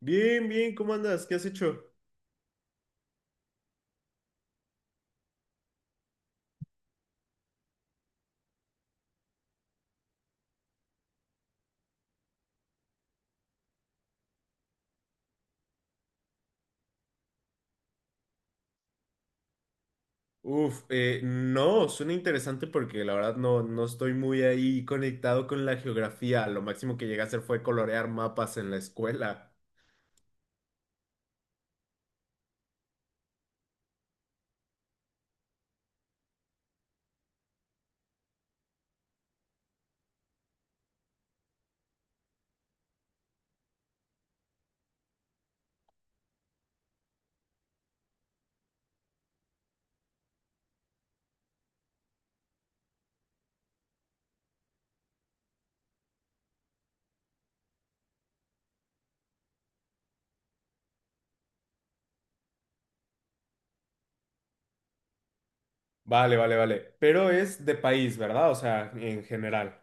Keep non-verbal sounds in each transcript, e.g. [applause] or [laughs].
Bien, bien, ¿cómo andas? ¿Qué has hecho? Uf, no, suena interesante porque la verdad no, no estoy muy ahí conectado con la geografía. Lo máximo que llegué a hacer fue colorear mapas en la escuela. Vale, vale, vale. Pero es de país, ¿verdad? O sea, en general.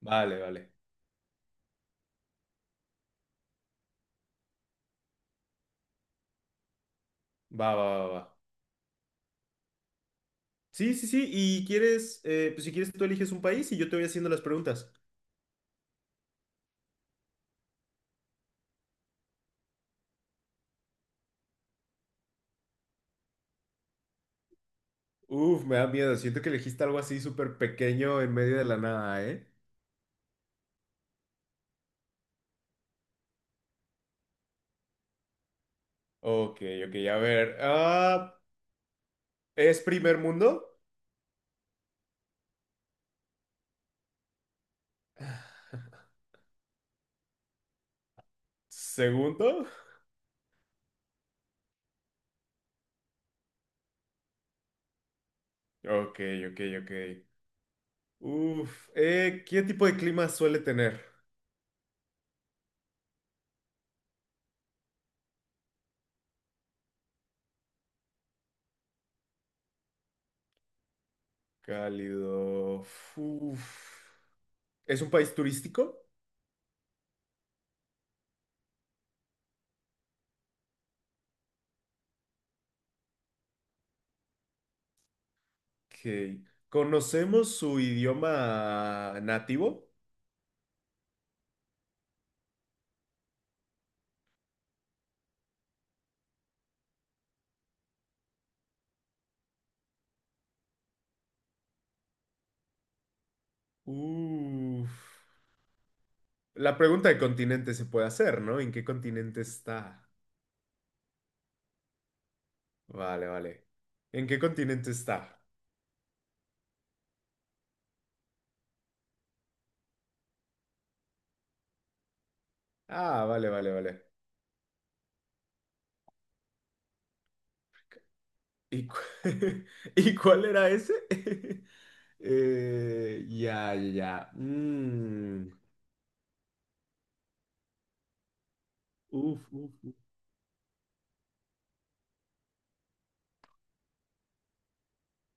Vale, vale. Va, va, va, va. Sí, sí, sí. Y quieres, pues si quieres tú eliges un país y yo te voy haciendo las preguntas. Uf, me da miedo. Siento que elegiste algo así súper pequeño en medio de la nada, ¿eh? Ok, ok, a ver. ¿Es primer mundo? ¿Segundo? Ok, ok, ok. Uf, ¿qué tipo de clima suele tener? Cálido. Uf. ¿Es un país turístico? Ok. ¿Conocemos su idioma nativo? Uf. La pregunta de continente se puede hacer, ¿no? ¿En qué continente está? Vale, vale. ¿En qué continente está? Ah, vale, vale, vale. ¿Y, cu- [laughs] ¿Y cuál era ese? [laughs] Ya, ya, ya. Mm. Uf, uf, uf.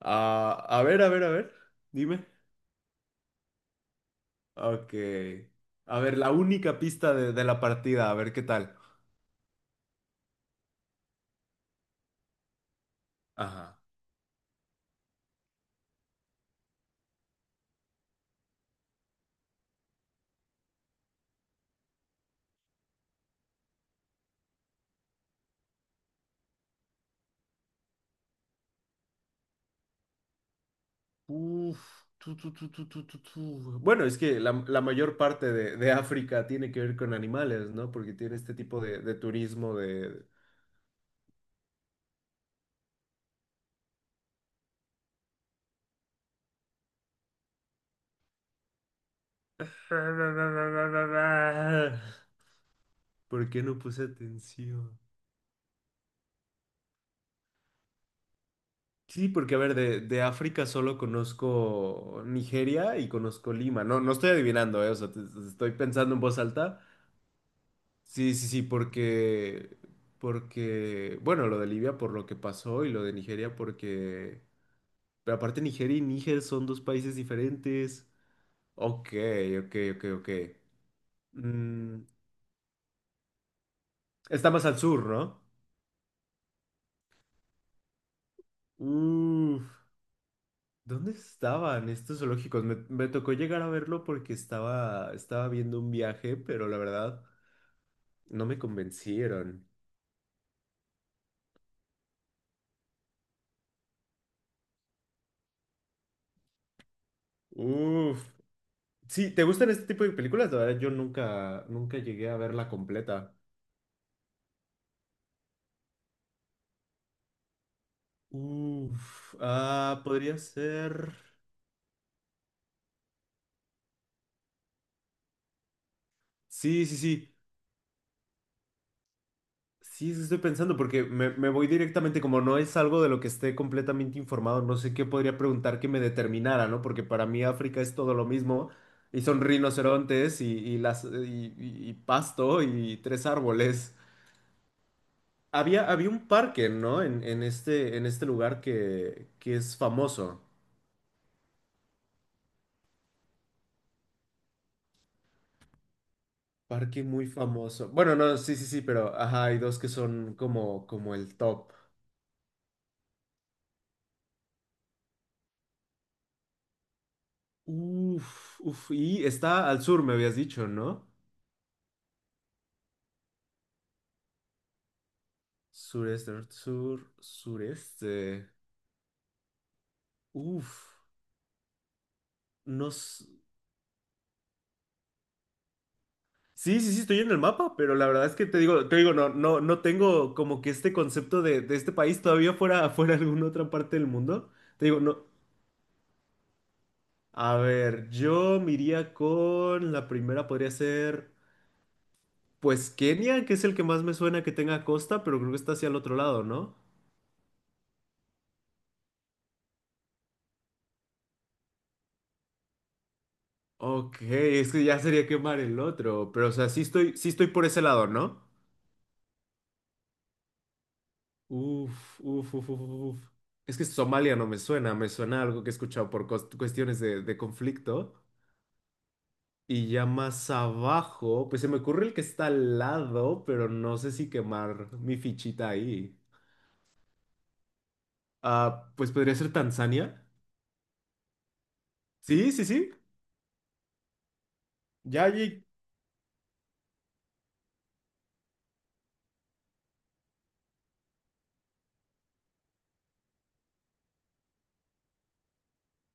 Ah, a ver, a ver, a ver. Dime. Ok. A ver, la única pista de la partida, a ver qué tal. Ajá. Uf. Tu, tu, tu, tu, tu, tu, tu. Bueno, es que la mayor parte de África tiene que ver con animales, ¿no? Porque tiene este tipo de turismo de... [laughs] ¿Por qué no puse atención? Sí, porque a ver, de África solo conozco Nigeria y conozco Lima. No, no estoy adivinando, o sea, te estoy pensando en voz alta. Sí, sí, sí, porque, porque, bueno, lo de Libia por lo que pasó y lo de Nigeria porque, pero aparte Nigeria y Níger son dos países diferentes. Ok, ok, ok, ok. Mm, está más al sur, ¿no? Uf. ¿Dónde estaban estos zoológicos? Me tocó llegar a verlo porque estaba, estaba viendo un viaje, pero la verdad no me convencieron. Uf. Sí, ¿te gustan este tipo de películas? La verdad, yo nunca, nunca llegué a verla completa. Uf. Ah, podría ser. Sí, sí, sí. Sí, eso estoy pensando porque me voy directamente, como no es algo de lo que esté completamente informado, no sé qué podría preguntar que me determinara, ¿no? Porque para mí África es todo lo mismo y son rinocerontes y pasto y tres árboles. Había, había un parque, ¿no? En este lugar que es famoso. Parque muy famoso. Bueno, no, sí, sí, sí, pero ajá, hay dos que son como, como el top. Uf, uf, y está al sur, me habías dicho, ¿no? Sureste, norte, sur, sureste. Uf, no. s- Sí, sí, sí, estoy en el mapa, pero la verdad es que te digo, no, no, no tengo como que este concepto de este país todavía fuera, [laughs] fuera alguna otra parte del mundo. Te digo, no. A ver, yo me iría con la primera, podría ser, pues Kenia, que es el que más me suena que tenga costa, pero creo que está hacia el otro lado, ¿no? Ok, es que ya sería quemar el otro, pero o sea, sí estoy por ese lado, ¿no? Uf, uf, uf, uf, uf. Es que Somalia no me suena, me suena algo que he escuchado por cuestiones de conflicto. Y ya más abajo, pues se me ocurre el que está al lado, pero no sé si quemar mi fichita ahí. Ah, pues podría ser Tanzania. Sí, sí, sí. Ya, ya.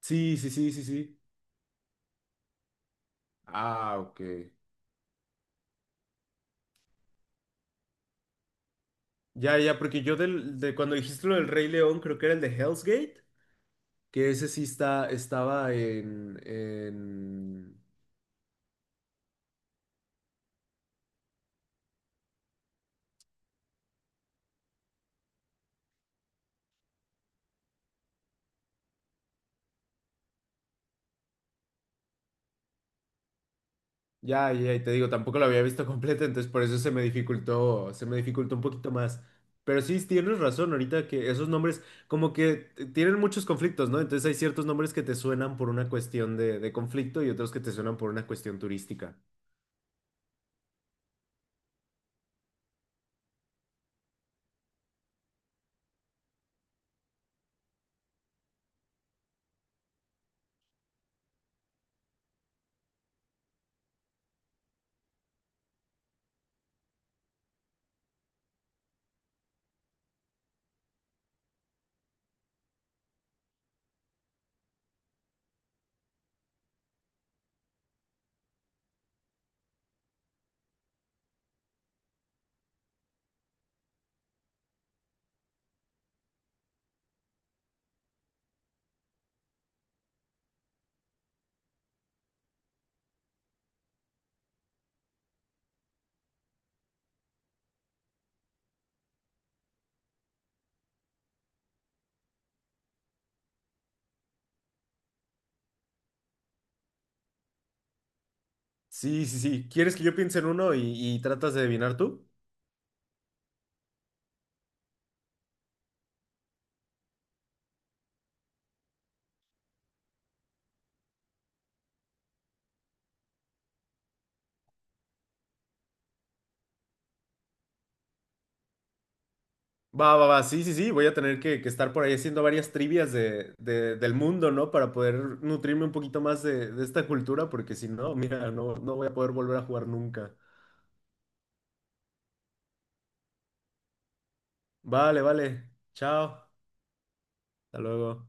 Sí, sí, sí, sí, sí. Ah, ok. Ya, ya, porque yo del, de cuando dijiste lo del Rey León, creo que era el de Hell's Gate, que ese sí está, estaba en, en. Ya, ya, y te digo, tampoco lo había visto completa entonces por eso se me dificultó un poquito más. Pero sí, tienes razón, ahorita que esos nombres como que tienen muchos conflictos, ¿no? Entonces hay ciertos nombres que te suenan por una cuestión de conflicto y otros que te suenan por una cuestión turística. Sí, sí, sí. ¿Quieres que yo piense en uno y tratas de adivinar tú? Va, va, va, sí, sí, sí, voy a tener que estar por ahí haciendo varias trivias de, del mundo, ¿no? Para poder nutrirme un poquito más de esta cultura, porque si no, mira, no, no voy a poder volver a jugar nunca. Vale, vale. Chao. Hasta luego.